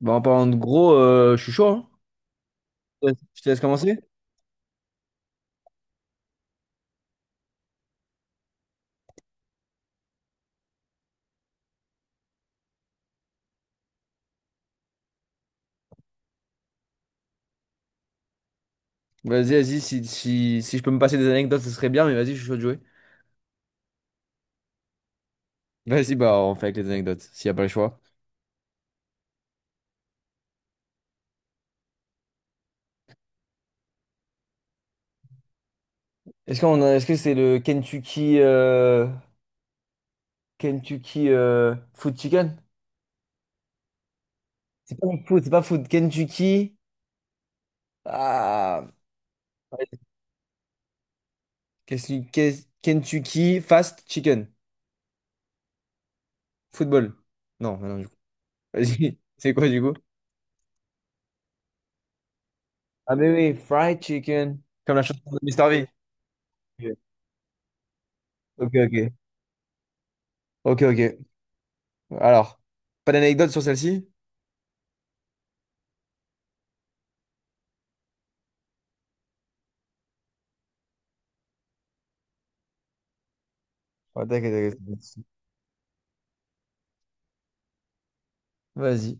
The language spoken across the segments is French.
Bah, en parlant de gros, je suis chaud, hein. Ouais, je te laisse commencer. Vas-y, vas-y, si je peux me passer des anecdotes, ce serait bien, mais vas-y, je suis chaud de jouer. Vas-y, bah on fait avec les anecdotes, s'il n'y a pas le choix. Est-ce que c'est le Kentucky Kentucky Food Chicken? C'est pas food, c'est pas food. Kentucky. Ah. Ouais, Kentucky qu'est Kentucky Fast Chicken. Football. Non, mais non, du coup. Vas-y. C'est quoi du coup? Ah mais oui, fried chicken. Comme la chanson de Mister V. Ok, ok. Ok, ok. Alors, pas d'anecdote sur celle-ci? Ouais, t'inquiète, t'inquiète. Vas-y.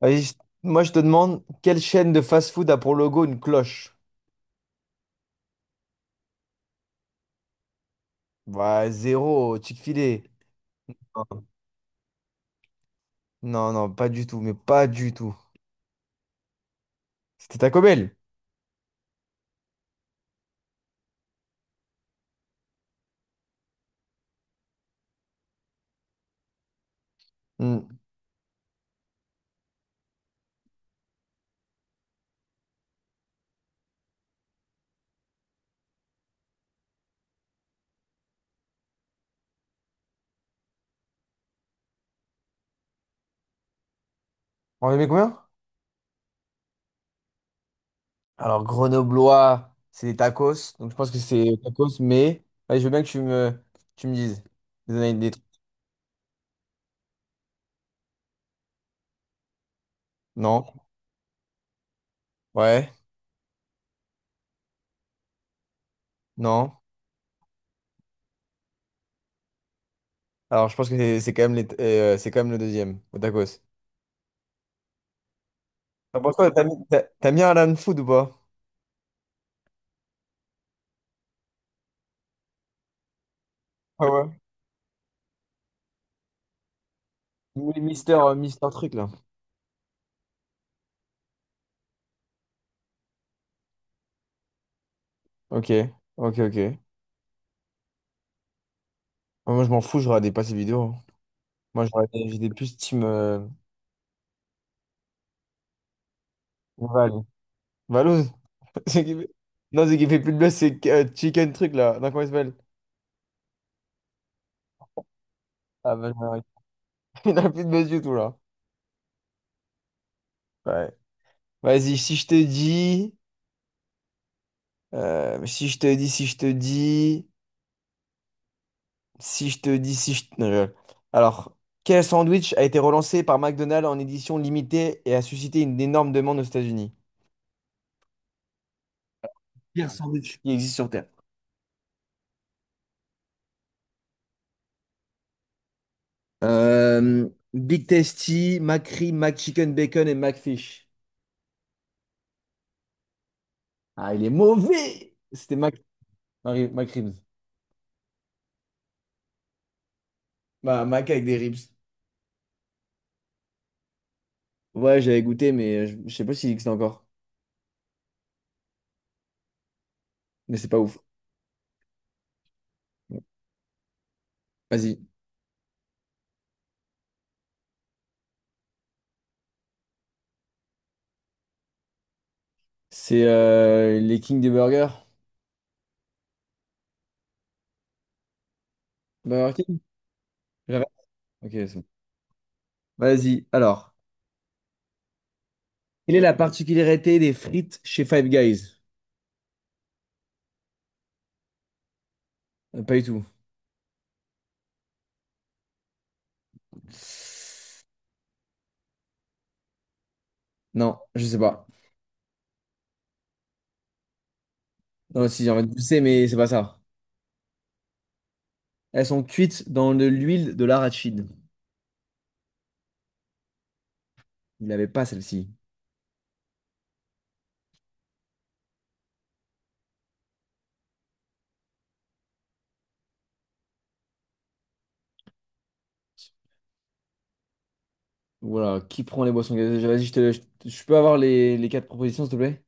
Vas-y, je- Moi je te demande, quelle chaîne de fast-food a pour logo une cloche? Bah, zéro, Chick-fil-A. Non, non, non, pas du tout, mais pas du tout. C'était Taco Bell. Hmm. On avait mis combien? Alors, grenoblois, c'est des tacos, donc je pense que c'est tacos, mais ouais, je veux bien que tu me dises. Des trucs. Non, ouais, non. Alors, je pense que c'est quand même les, c'est quand même le deuxième, au tacos. Ah, pour toi, t'as mis un Alan Food ou pas? Ah ouais. Oui, Mister, Mister Truc là. Ok, ok, ok. Ah, moi je m'en fous, je regarde pas ces vidéos, hein. Moi j'étais plus team Val. Valouz? C'est qui fait- Non, c'est qui fait plus de buzz, c'est Chicken Truc là. Non, comment il s'appelle? Ah, bah, je m'arrête. Il n'a plus de buzz du tout là. Ouais. Vas-y, si je te dis. Si je te dis. Si je te dis si je... Non, je rigole. Alors, quel sandwich a été relancé par McDonald's en édition limitée et a suscité une énorme demande aux États-Unis? Pire sandwich qui existe sur Terre. Big Tasty, McRib, McChicken Bacon et McFish. Ah, il est mauvais! McRibs. Bah, Mac avec des ribs. Ouais, j'avais goûté, mais je sais pas s'il existe encore. Mais c'est pas ouf. Vas-y. C'est les kings des burgers. Burger King? J'avais- ok, c'est bon. Vas-y, alors. Quelle est la particularité des frites chez Five Guys? Pas du tout. Non, je sais pas. Non, si, en fait, je sais, mais c'est pas ça. Elles sont cuites dans de l'huile de l'arachide. Il n'avait pas celle-ci. Voilà, qui prend les boissons gazeuses? Vas-y, je peux avoir les quatre propositions, s'il te plaît?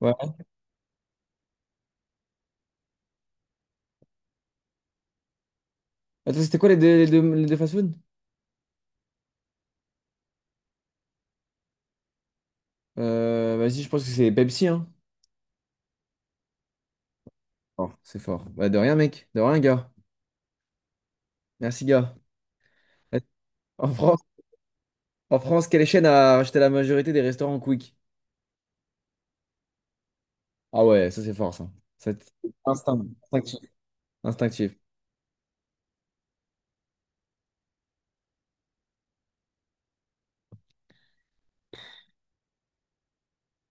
Ouais. Attends, c'était quoi les deux fast-food? Vas-y, je pense que c'est Pepsi, hein. Oh, c'est fort. Bah, de rien, mec. De rien, gars. Merci, gars. En France, en France, quelle chaîne a racheté la majorité des restaurants Quick? Ah ouais, ça c'est fort ça. Ça, c'est Instinct. Instinctif. Instinctif.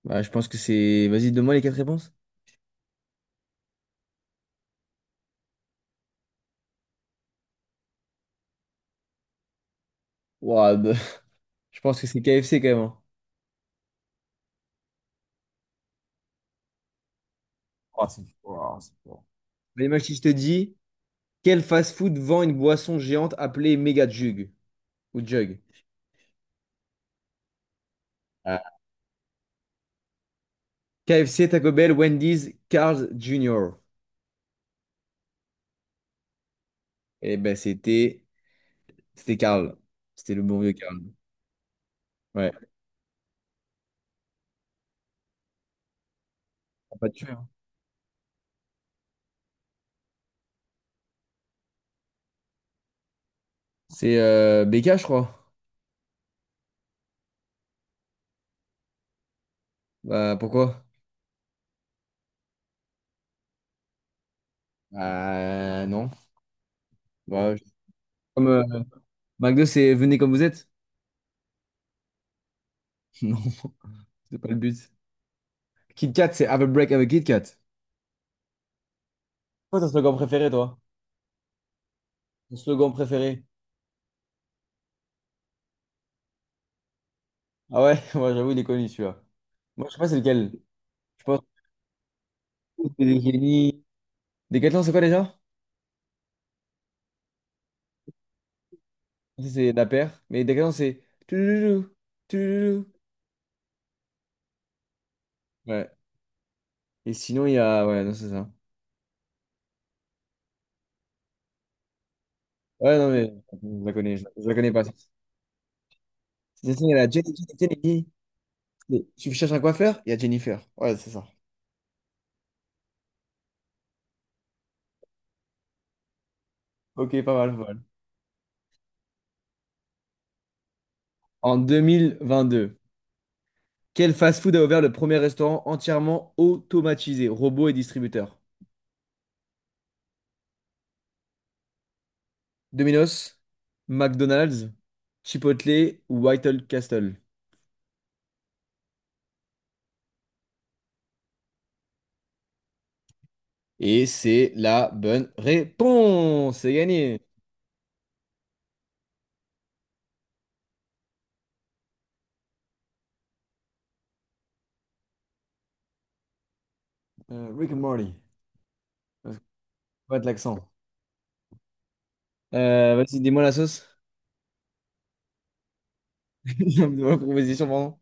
Bah, je pense que c'est. Vas-y, donne-moi les quatre réponses. Ouah, bah, je pense que c'est KFC quand même, hein. Oh, c'est fort, c'est fort. Mais imagine si je te dis, quel fast-food vend une boisson géante appelée Mega Jug ou Jug? Ah, KFC, Taco Bell, Wendy's, Carl's Jr. Eh ben c'était C'était Carl. C'était le bon vieux Carl. Ouais. T'as pas tué, hein. C'est BK, je crois. Bah pourquoi? Bah non. Bah, je- Comme McDo, c'est venez comme vous êtes? Non, c'est pas le but. Kit Kat, c'est Have a break, have a Kit Kat. Quoi ton slogan préféré, toi? Ton slogan préféré? Ah ouais, moi j'avoue, il est connu celui-là. Moi, je sais pas c'est lequel. Je pense que c'est des génies. Décathlon, c'est quoi déjà? Ça, c'est la paire. Mais Décathlon, c'est. Touloulou, touloulou. Ouais. Et sinon, il y a. Ouais, non, c'est ça. Ouais, non, mais je la connais pas. C'est ça, il y a la Jenny, Jenny, Jenny. Mais tu cherches un coiffeur? Il y a Jennifer. Ouais, c'est ça. Ok, pas mal, pas mal. En 2022. Quel fast-food a ouvert le premier restaurant entièrement automatisé, robots et distributeurs? Domino's, McDonald's, Chipotle ou White Castle? Et c'est la bonne réponse. C'est gagné. Rick and Morty. Parce que faut pas de l'accent. Vas-y, dis-moi la sauce. Dis-moi la proposition, pardon.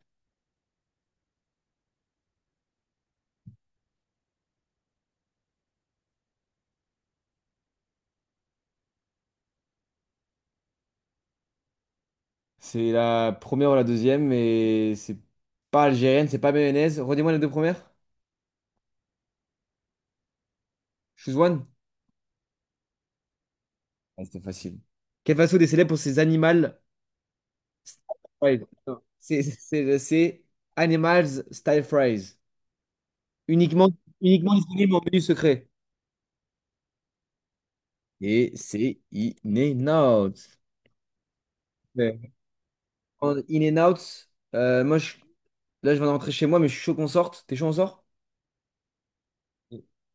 C'est la première ou la deuxième, mais c'est pas algérienne, c'est pas mayonnaise. Redis-moi les deux premières. Choose one. Ah, c'était facile. Quel fast-food est célèbre pour ses animaux Style Fries. Non, c'est Animals Style Fries. Uniquement, uniquement disponible en menu secret. Et c'est In and Out. Ouais. En In and Out, euh, moi, je- là, je viens de rentrer chez moi, mais je suis chaud qu'on sorte. T'es chaud, on sort?